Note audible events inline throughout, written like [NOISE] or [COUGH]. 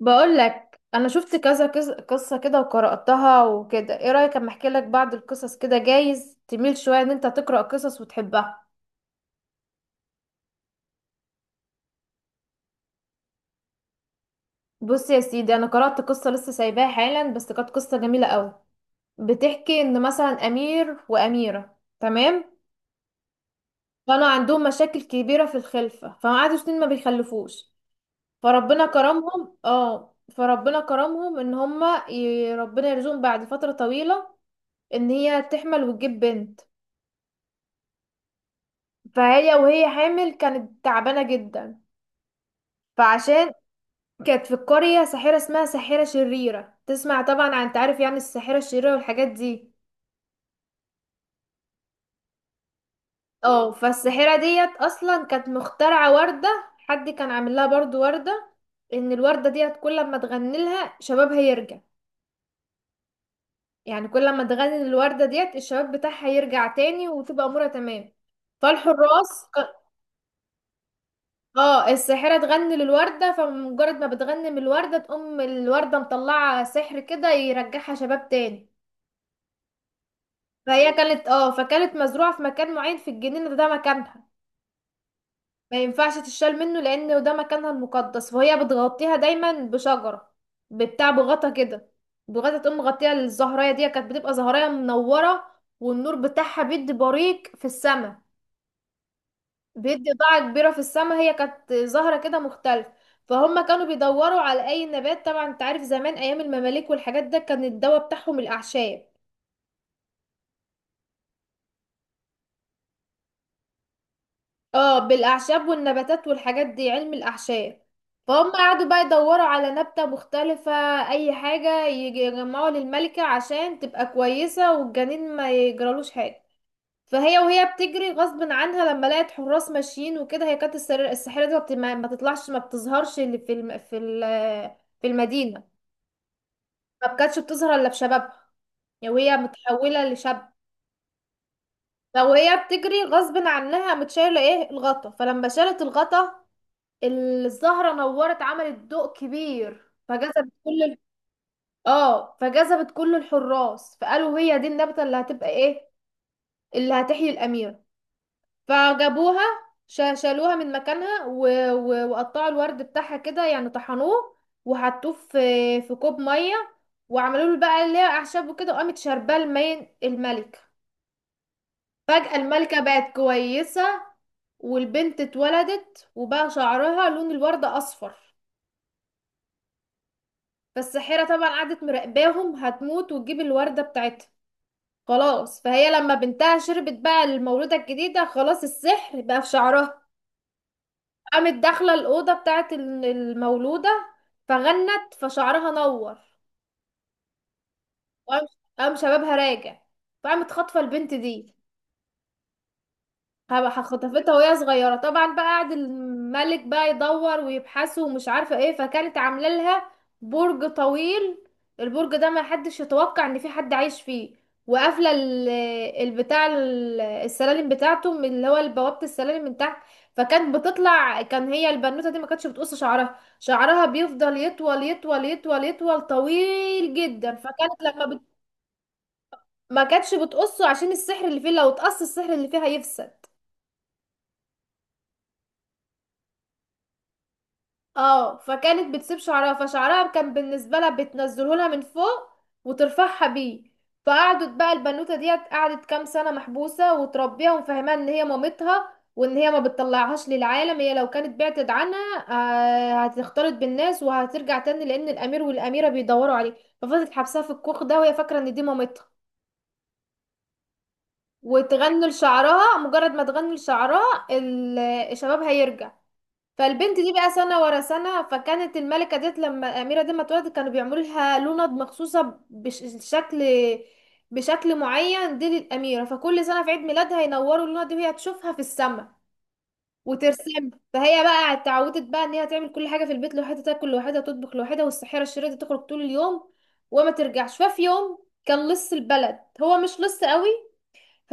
بقول لك انا شفت كذا قصه كده وقراتها وكده، ايه رايك اما احكي لك بعض القصص كده؟ جايز تميل شويه ان انت تقرا قصص وتحبها. بص يا سيدي، انا قرات قصه لسه سايباها حالا، بس كانت قصه جميله قوي. بتحكي ان مثلا امير واميره، تمام. كانوا عندهم مشاكل كبيره في الخلفه، فقعدوا سنين ما بيخلفوش. فربنا كرمهم ان هما ربنا يرزقهم بعد فتره طويله. ان هي تحمل وتجيب بنت. فهي وهي حامل كانت تعبانة جدا. فعشان. كانت في القرية ساحرة اسمها ساحرة شريرة. تسمع طبعا عن تعرف يعني الساحرة الشريرة والحاجات دي. اه، فالساحرة ديت اصلا كانت مخترعة وردة. حد كان عامل لها برضو وردة. ان الوردة ديت كل ما تغني لها شبابها يرجع. يعني كل ما تغني الوردة ديت الشباب بتاعها يرجع تاني وتبقى امورها تمام. فالحراس. اه، الساحرة تغني للوردة، فمجرد ما بتغني من الوردة تقوم الوردة مطلعة سحر كده يرجعها شباب تاني. فهي كانت اه فكانت مزروعة في مكان معين في الجنينة ده مكانها. ما ينفعش تشال منه، لأنه ده مكانها المقدس، فهي بتغطيها دايما بشجرة. بتاع بغطا كده. بغطا تقوم مغطيها. الزهراية دي كانت بتبقى زهراية منورة. والنور بتاعها بيدي بريق في السما. بيدي ضاعة كبيرة في السماء. هي كانت زهرة كده مختلفة. فهم كانوا بيدوروا على أي نبات. طبعا انت عارف زمان أيام المماليك والحاجات ده كان الدواء بتاعهم الأعشاب. اه، بالأعشاب والنباتات والحاجات دي، علم الأعشاب. فهم قعدوا بقى يدوروا على نبتة مختلفة. أي حاجة يجمعوا للملكة عشان تبقى كويسة والجنين ما يجرالوش حاجة. فهي وهي بتجري غصب عنها لما لقت حراس ماشيين وكده. هي كانت الساحرة دي ما تطلعش، ما بتظهرش اللي في المدينة. ما كانتش بتظهر الا في شبابها. يعني وهي متحولة لشاب. فوهي بتجري غصب عنها متشايلة ايه الغطا، فلما شالت الغطا، الزهرة نورت، عملت ضوء كبير، فجذبت كل الحراس، فقالوا هي دي النبتة اللي هتبقى ايه، اللي هتحيي الأمير. فجابوها. شالوها من مكانها و... و... وقطعوا الورد بتاعها كده، يعني طحنوه. وحطوه في كوب ميه. وعملوا له بقى اللي هي اعشاب وكده، وقامت شارباه المين الملكه. فجأة الملكه بقت كويسه. والبنت اتولدت وبقى شعرها لون الوردة أصفر. فالساحرة طبعا قعدت مراقباهم، هتموت وتجيب الوردة بتاعتها. خلاص فهي لما بنتها شربت، بقى المولودة الجديدة خلاص، السحر بقى في شعرها. قامت داخله الاوضه بتاعت المولوده. فغنت، فشعرها نور. وقام شبابها راجع. فقامت خاطفه البنت دي. هبقى خطفتها وهي صغيرة طبعا. بقى قعد الملك بقى يدور ويبحثه ومش عارفة ايه، فكانت عاملة لها برج طويل. البرج ده ما حدش يتوقع ان في حد عايش فيه. وقافلة ال- البتاع ال- السلالم بتاعته، من اللي هو بوابة السلالم من تحت. فكانت بتطلع. كان هي البنوتة دي ما كانتش بتقص شعرها، شعرها بيفضل يطول يطول يطول يطول طويل جدا، ما كانتش بتقصه عشان السحر اللي فيه لو اتقص السحر اللي فيه هيفسد. اه، فكانت بتسيب شعرها، فشعرها كان بالنسبه لها بتنزله لها من فوق وترفعها بيه. فقعدت بقى البنوته ديت قعدت كام سنه محبوسه، وتربيها ومفهماها ان هي مامتها، وان هي ما بتطلعهاش للعالم هي لو كانت بعدت عنها، هتختلط بالناس وهترجع تاني، لان الامير والاميره بيدوروا عليه. ففضلت حبسها في الكوخ ده، وهي فاكره ان دي مامتها. وتغني لشعرها مجرد ما تغني لشعرها الشباب هيرجع. فالبنت دي بقى سنة ورا سنة. فكانت الملكة ديت لما الأميرة دي ما اتولدت كانوا بيعملوا لها لوند مخصوصة بشكل معين دي للأميرة. فكل سنة في عيد ميلادها ينوروا اللوند دي وهي تشوفها في السماء وترسم. فهي بقى اتعودت بقى ان هي تعمل كل حاجة في البيت لوحدها، تاكل لوحدها تطبخ لوحدها، والسحيرة الشريرة دي تخرج طول اليوم وما ترجعش. ففي يوم كان لص البلد، هو مش لص قوي،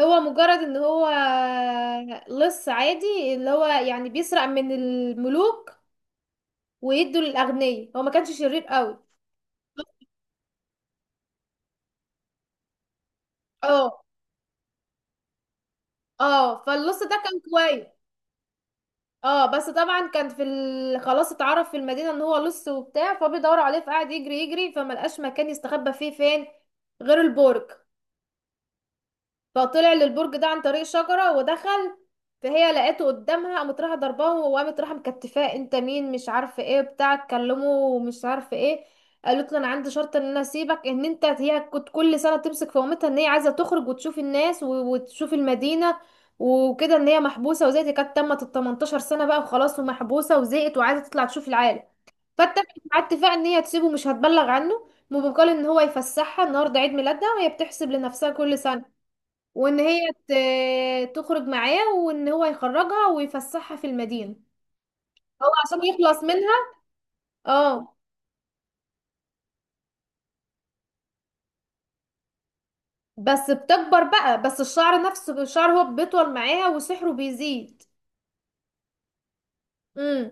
هو مجرد ان هو لص عادي، اللي هو يعني بيسرق من الملوك ويدوا للاغنياء، هو ما كانش شرير قوي. اه، اه، فاللص ده كان كويس. اه، بس طبعا كان خلاص اتعرف في المدينه ان هو لص وبتاع، فبيدوروا عليه، فقعد يجري يجري، فما لقاش مكان يستخبى فيه فين غير البرج. فطلع للبرج ده عن طريق شجرة ودخل. فهي لقيته قدامها، قامت رايحة ضرباه وقامت رايحة مكتفاه، انت مين؟ مش عارفة ايه بتاع تكلمه ومش عارفة ايه. قالت له انا عندي شرط ان انا اسيبك ان انت، هي كنت كل سنة تمسك في قومتها ان هي عايزة تخرج وتشوف الناس و- وتشوف المدينة وكده، ان هي محبوسة وزهقت. هي كانت تمت ال 18 سنة بقى وخلاص ومحبوسة وزهقت وعايزة تطلع تشوف العالم. فاتفقت مع اتفاق ان هي تسيبه مش هتبلغ عنه، وبمقابل ان هو يفسحها النهارده عيد ميلادها وهي بتحسب لنفسها كل سنة، وان هي تخرج معاه وان هو يخرجها ويفسحها في المدينة. هو عشان يخلص منها. اه، بس بتكبر بقى، بس الشعر نفسه، الشعر هو بيطول معاها وسحره بيزيد. امم.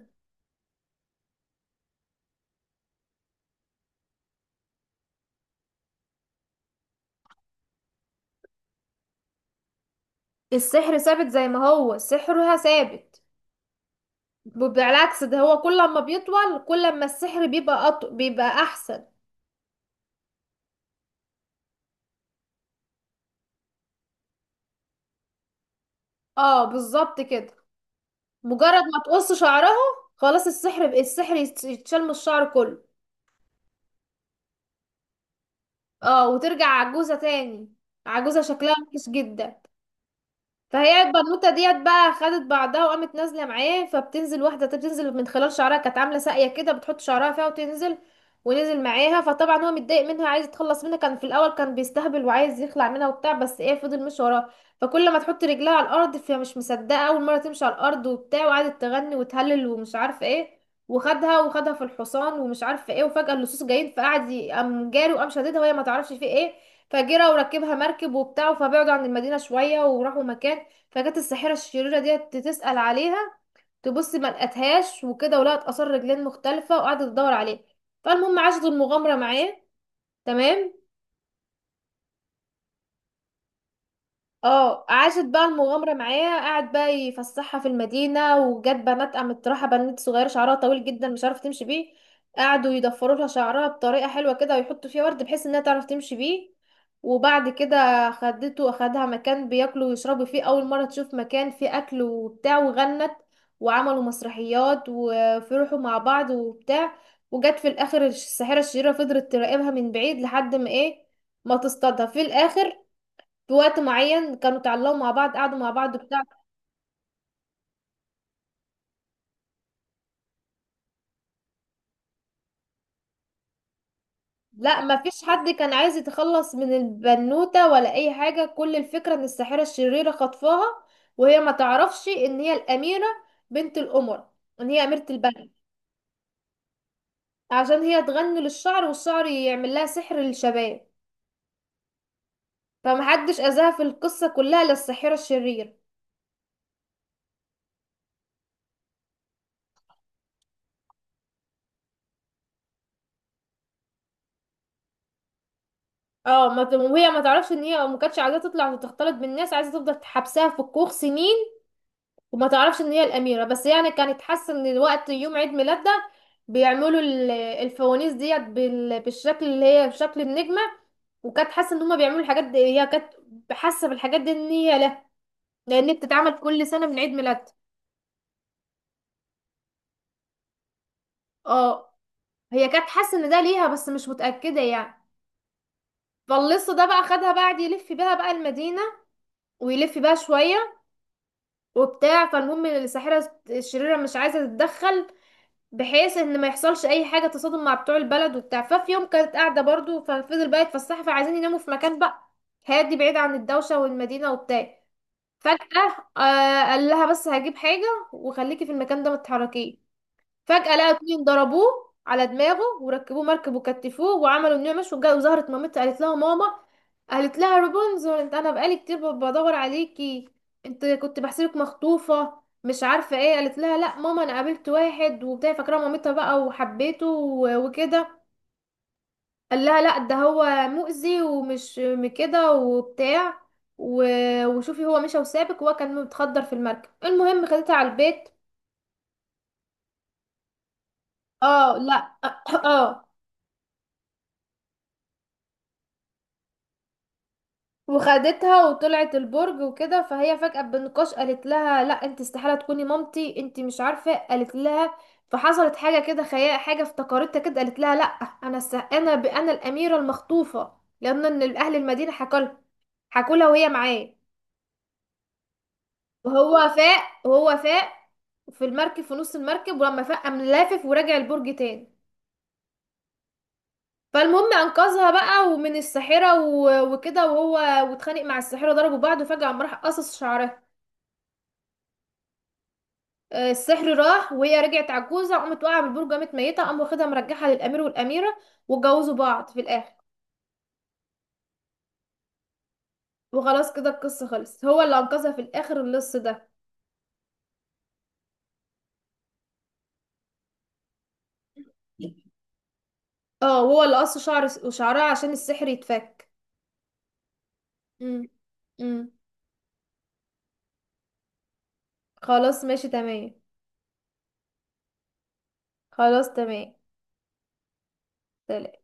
السحر ثابت زي ما هو، سحرها ثابت. بالعكس ده هو، كل ما بيطول كل ما السحر بيبقى احسن. اه، بالظبط كده. مجرد ما تقص شعرها، خلاص السحر يتشال من الشعر كله. اه، وترجع عجوزة تاني، عجوزة شكلها وحش جدا. فهي البنوته ديت بقى خدت بعضها وقامت نازله معاه، فبتنزل، واحده بتنزل من خلال شعرها، كانت عامله ساقيه كده بتحط شعرها فيها وتنزل. ونزل معاها. فطبعا هو متضايق منها، عايز يتخلص منها، كان في الاول كان بيستهبل وعايز يخلع منها وبتاع، بس ايه، فضل مش وراه. فكل ما تحط رجلها على الارض فهي مش مصدقه اول مره تمشي على الارض وبتاع، وقعدت تغني وتهلل ومش عارفه ايه. وخدها في الحصان ومش عارفه ايه، وفجاه اللصوص جايين، فقعد قام جاري وقام شددها، وهي ما تعرفش في ايه. فجرى وركبها مركب وبتاع، فبعدوا عن المدينه شويه وراحوا مكان. فجت الساحرة الشريرة ديت تسأل عليها، تبص ما لقتهاش وكده، ولقت آثار رجلين مختلفة، وقعدت تدور عليه. فالمهم عاشت المغامرة معاه. تمام. اه، عاشت بقى المغامرة معاه، قعد بقى يفسحها في المدينة، وجات بنات، قامت رايحة بنت صغيرة شعرها طويل جدا مش عارفة تمشي بيه، قعدوا يضفروا لها شعرها بطريقة حلوة كده ويحطوا فيها ورد بحيث انها تعرف تمشي بيه. وبعد كده خدته واخدها مكان بياكلوا ويشربوا فيه، اول مرة تشوف مكان فيه اكل وبتاع، وغنت، وعملوا مسرحيات وفرحوا مع بعض وبتاع. وجت في الاخر الساحرة الشريرة، فضلت تراقبها من بعيد لحد ما ايه، ما تصطادها في الاخر. في وقت معين كانوا اتعلقوا مع بعض، قعدوا مع بعض بتاع. لا، ما فيش حد كان عايز يتخلص من البنوتة ولا اي حاجة، كل الفكرة ان الساحرة الشريرة خطفاها وهي ما تعرفش ان هي الأميرة، بنت القمر، ان هي أميرة البلد. عشان هي تغني للشعر والشعر يعمل لها سحر للشباب. فمحدش أذاها في القصة كلها، للساحرة الشريرة. اه، ما ت- وهي ما تعرفش ان هي، ما كانتش عايزة تطلع وتختلط بالناس، عايزة تفضل حبسها في الكوخ سنين، وما تعرفش ان هي الاميره، بس يعني كانت حاسه ان وقت يوم عيد ميلادها بيعملوا الفوانيس ديت بالشكل اللي هي بشكل النجمه، وكانت حاسه ان هما بيعملوا الحاجات دي، هي كانت حاسه بالحاجات دي ان هي، لا، لان بتتعمل كل سنه من عيد ميلادها. اه، هي كانت حاسه ان ده ليها بس مش متاكده يعني. فاللص ده بقى خدها بعد يلف بيها بقى المدينه، ويلف بيها شويه وبتاع. فالمهم الساحره الشريره مش عايزه تتدخل، بحيث ان ما يحصلش اي حاجه تصادم مع بتوع البلد وبتاع. ففي يوم كانت قاعده برضو، ففضل بقى يتفسحوا، فعايزين يناموا في مكان بقى هادي بعيد عن الدوشه والمدينه وبتاع. فجاه قال لها بس هجيب حاجه وخليكي في المكان ده ما تتحركيش. فجأة لقى اتنين ضربوه على دماغه وركبوه مركب وكتفوه، وعملوا انه مش وظهرت مامتها، قالت لها ماما. قالت لها رابنزل، انت انا بقالي كتير بدور عليكي، انت كنت بحسبك مخطوفة مش عارفة ايه. قالت لها لا ماما، انا قابلت واحد وبتاع، فاكرة مامتها بقى، وحبيته و- وكده. قال لها لا ده هو مؤذي ومش كده وبتاع، و- وشوفي هو مشى وسابك، وهو كان متخدر في المركب. المهم خدتها على البيت. اه، لا [COUGHS] [CLEARS THROAT] اه. وخدتها وطلعت البرج وكده، فهي فجأة بالنقاش قالت لها لا انت استحالة تكوني مامتي، انت مش عارفة. قالت لها، فحصلت حاجة كده، خيال حاجة افتكرتها كده، قالت لها لا، انا س... انا ب... انا الأميرة المخطوفة، لأن ان اهل المدينة حكوا لها، حكوا لها وهي معاه. وهو فاق في المركب، في نص المركب، ولما فاق قام لافف ورجع البرج تاني. فالمهم انقذها بقى ومن الساحرة و... وكده، وهو واتخانق مع الساحرة، ضربوا بعض، وفجأة قام راح قصص شعرها. آه، السحر راح وهي رجعت عجوزة، قامت واقعة بالبرج قامت ميتة. قام واخدها مرجعها للأمير والأميرة، واتجوزوا بعض في الآخر. وخلاص كده القصة خلصت، هو اللي أنقذها في الآخر اللص ده. اه، هو اللي قص شعر وشعرها عشان السحر يتفك. امم. امم. خلاص، ماشي تمام. خلاص تمام، سلام.